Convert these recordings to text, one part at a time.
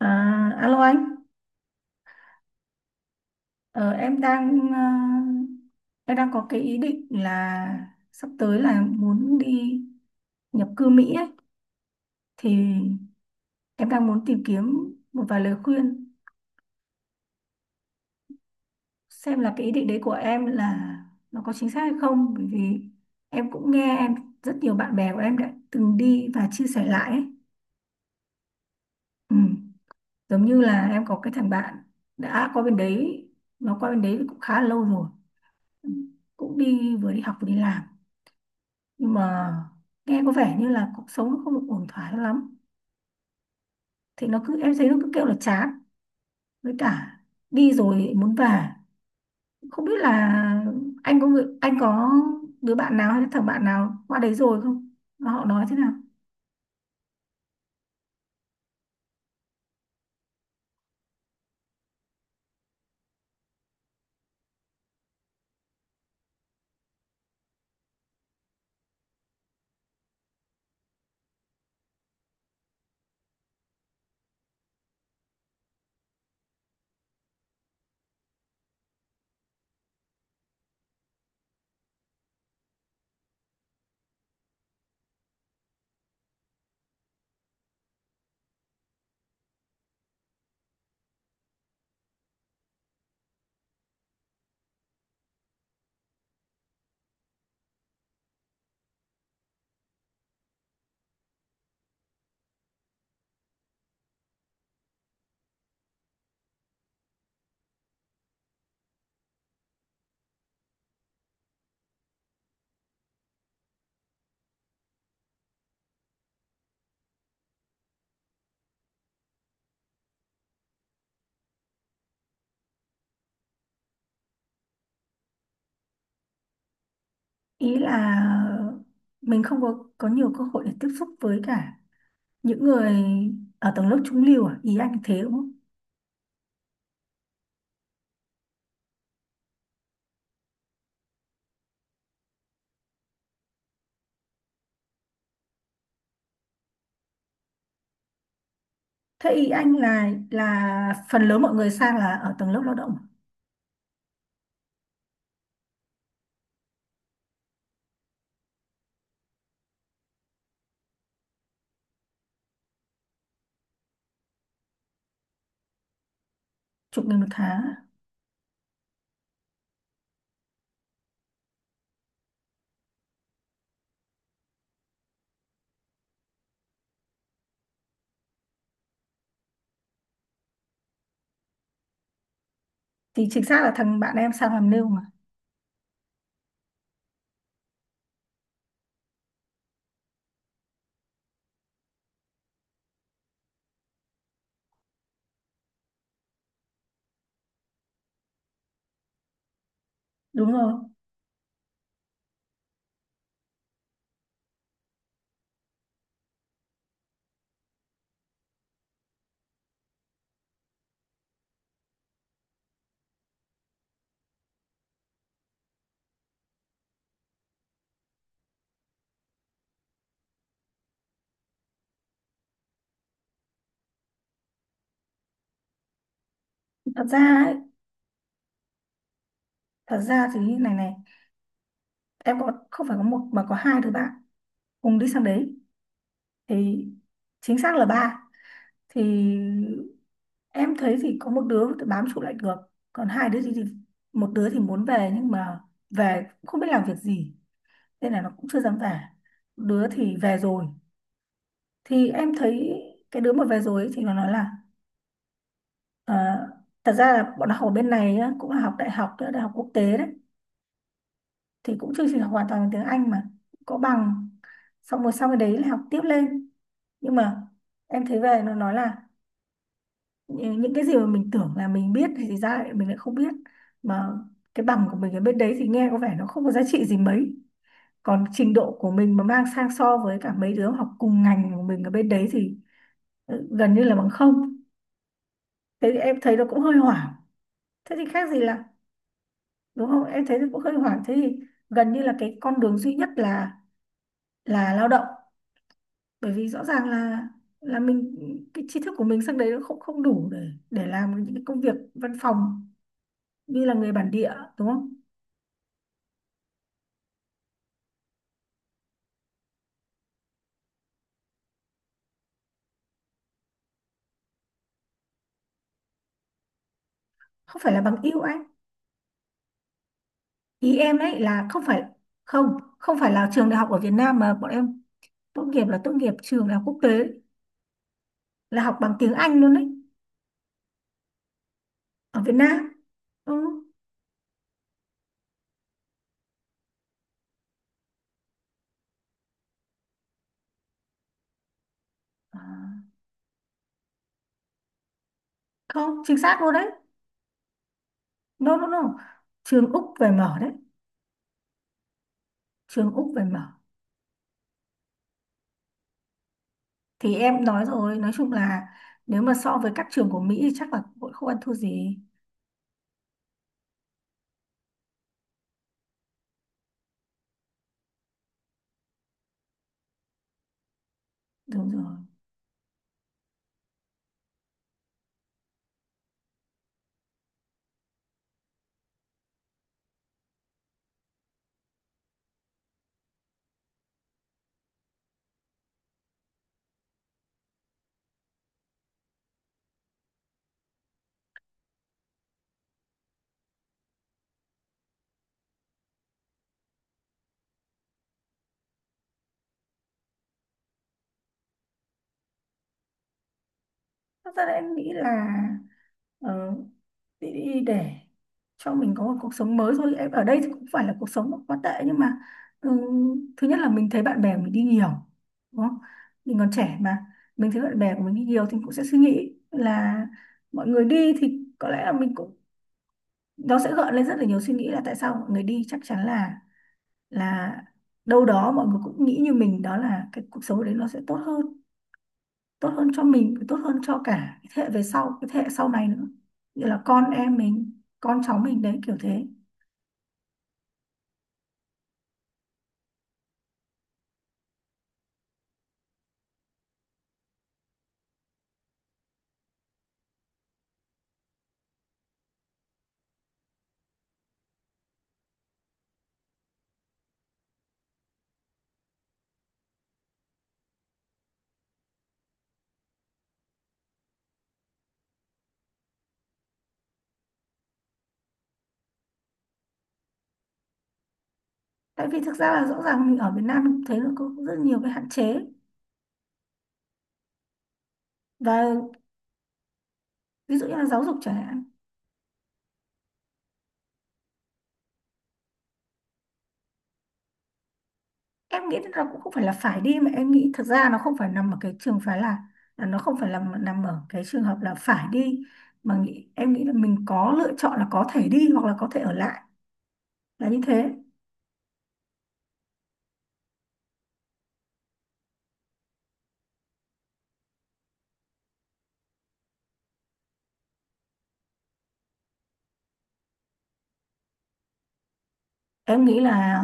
À, alo anh, ờ, em đang em đang có cái ý định là sắp tới là muốn đi nhập cư Mỹ ấy. Thì em đang muốn tìm kiếm một vài lời khuyên xem là cái ý định đấy của em là nó có chính xác hay không, bởi vì em cũng nghe rất nhiều bạn bè của em đã từng đi và chia sẻ lại ấy. Ừ. Giống như là em có cái thằng bạn đã qua bên đấy, cũng khá là lâu rồi. Ừ. Cũng đi, vừa đi học vừa đi làm, nhưng mà nghe có vẻ như là cuộc sống nó không ổn thỏa cho lắm, thì nó cứ em thấy nó cứ kêu là chán, với cả đi rồi muốn về. Không biết là anh có đứa bạn nào hay là thằng bạn nào qua đấy rồi không, mà họ nói thế nào? Ý là mình không có nhiều cơ hội để tiếp xúc với cả những người ở tầng lớp trung lưu à, ý anh thế đúng không? Thế ý anh là phần lớn mọi người sang là ở tầng lớp lao động à? Chục nghìn một tháng à? Thì chính xác là thằng bạn em sang làm nêu mà. Đúng rồi. Thật ra ấy, thật ra thì như này này, em có không phải có một mà có hai đứa bạn cùng đi sang đấy, thì chính xác là ba. Thì em thấy thì có một đứa thì bám trụ lại được, còn hai đứa thì, một đứa thì muốn về nhưng mà về cũng không biết làm việc gì nên là nó cũng chưa dám về. Đứa thì về rồi, thì em thấy cái đứa mà về rồi ấy, thì nó nói là ờ, thật ra là bọn nó học ở bên này á, cũng là học đại học, đại học quốc tế đấy, thì cũng chưa trình học hoàn toàn bằng tiếng Anh mà, có bằng, xong rồi sau cái đấy là học tiếp lên. Nhưng mà em thấy về nó nói là những cái gì mà mình tưởng là mình biết thì ra lại mình lại không biết, mà cái bằng của mình ở bên đấy thì nghe có vẻ nó không có giá trị gì mấy, còn trình độ của mình mà mang sang so với cả mấy đứa học cùng ngành của mình ở bên đấy thì ừ, gần như là bằng không. Thế thì em thấy nó cũng hơi hoảng, thế thì khác gì là, đúng không, em thấy nó cũng hơi hoảng. Thế thì gần như là cái con đường duy nhất là lao động, bởi vì rõ ràng là mình cái tri thức của mình sang đấy nó không không đủ để làm những cái công việc văn phòng như là người bản địa, đúng không? Không phải là bằng yêu anh, ý em đấy là không phải, không không phải là trường đại học ở Việt Nam mà bọn em tốt nghiệp, là tốt nghiệp trường đại học quốc tế, là học bằng tiếng Anh luôn đấy. Ở Việt Nam, ừ. À, không chính xác luôn đấy, no no no, trường Úc về mở đấy, trường Úc về mở. Thì em nói rồi, nói chung là nếu mà so với các trường của Mỹ thì chắc là cũng không ăn thua gì. Đúng rồi. Thật ra là em nghĩ là ờ, đi để cho mình có một cuộc sống mới thôi, em ở đây thì cũng phải là cuộc sống nó quá tệ nhưng mà ừ, thứ nhất là mình thấy bạn bè mình đi nhiều, đúng không, mình còn trẻ mà. Mình thấy bạn bè của mình đi nhiều thì cũng sẽ suy nghĩ là mọi người đi thì có lẽ là mình cũng, nó sẽ gợi lên rất là nhiều suy nghĩ là tại sao mọi người đi, chắc chắn là là đâu đó mọi người cũng nghĩ như mình, đó là cái cuộc sống đấy nó sẽ tốt hơn, tốt hơn cho mình, tốt hơn cho cả cái thế hệ về sau, cái thế hệ sau này nữa, như là con em mình, con cháu mình đấy, kiểu thế. Tại vì thực ra là rõ ràng mình ở Việt Nam mình cũng thấy nó có rất nhiều cái hạn chế, và ví dụ như là giáo dục chẳng hạn. Em nghĩ là cũng không phải là phải đi, mà em nghĩ thực ra nó không phải nằm ở cái trường phái là nó không phải nằm nằm ở cái trường hợp là phải đi, em nghĩ là mình có lựa chọn là có thể đi hoặc là có thể ở lại, là như thế. Em nghĩ là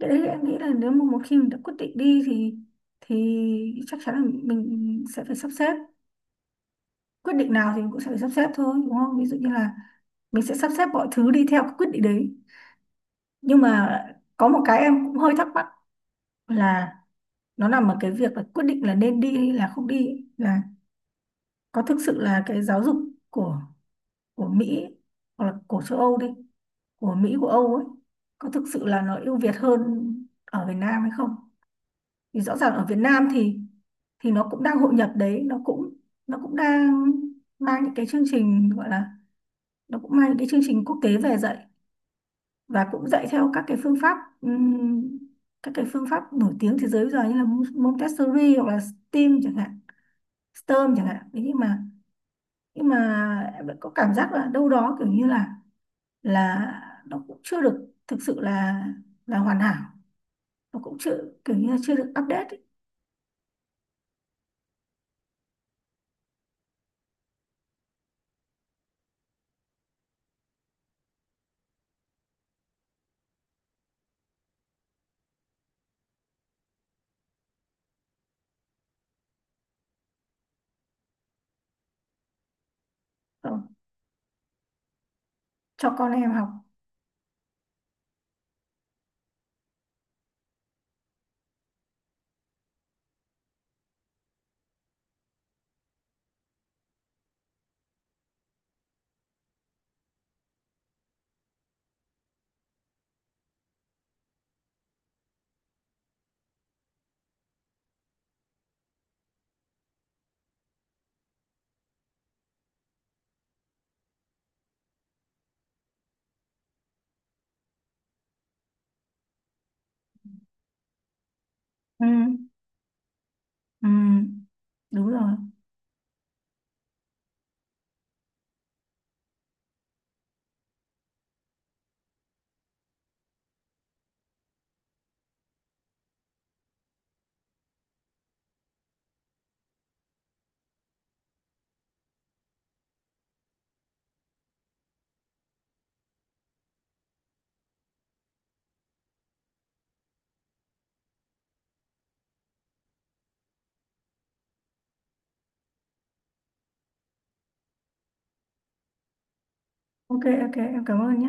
cái đấy, em nghĩ là nếu mà một khi mình đã quyết định đi thì chắc chắn là mình sẽ phải sắp xếp, quyết định nào thì mình cũng sẽ phải sắp xếp thôi, đúng không, ví dụ như là mình sẽ sắp xếp mọi thứ đi theo cái quyết định đấy. Nhưng mà có một cái em cũng hơi thắc mắc, là nó nằm ở cái việc là quyết định là nên đi hay là không đi ấy, là có thực sự là cái giáo dục của Mỹ ấy, hoặc là của châu Âu đi, của Mỹ của Âu ấy, có thực sự là nó ưu việt hơn ở Việt Nam hay không? Thì rõ ràng ở Việt Nam thì nó cũng đang hội nhập đấy, nó cũng đang mang những cái chương trình gọi là, nó cũng mang những cái chương trình quốc tế về dạy, và cũng dạy theo các cái phương pháp các cái phương pháp nổi tiếng thế giới bây giờ như là Montessori hoặc là STEAM chẳng hạn, STEM chẳng hạn. Thế nhưng mà, em vẫn có cảm giác là đâu đó kiểu như là là nó cũng chưa được thực sự là hoàn hảo, nó cũng chưa kiểu như là chưa được update ấy, ờ, cho con em học. Ừ. Ừ, đúng rồi. Ok, ok, em cảm ơn nhé.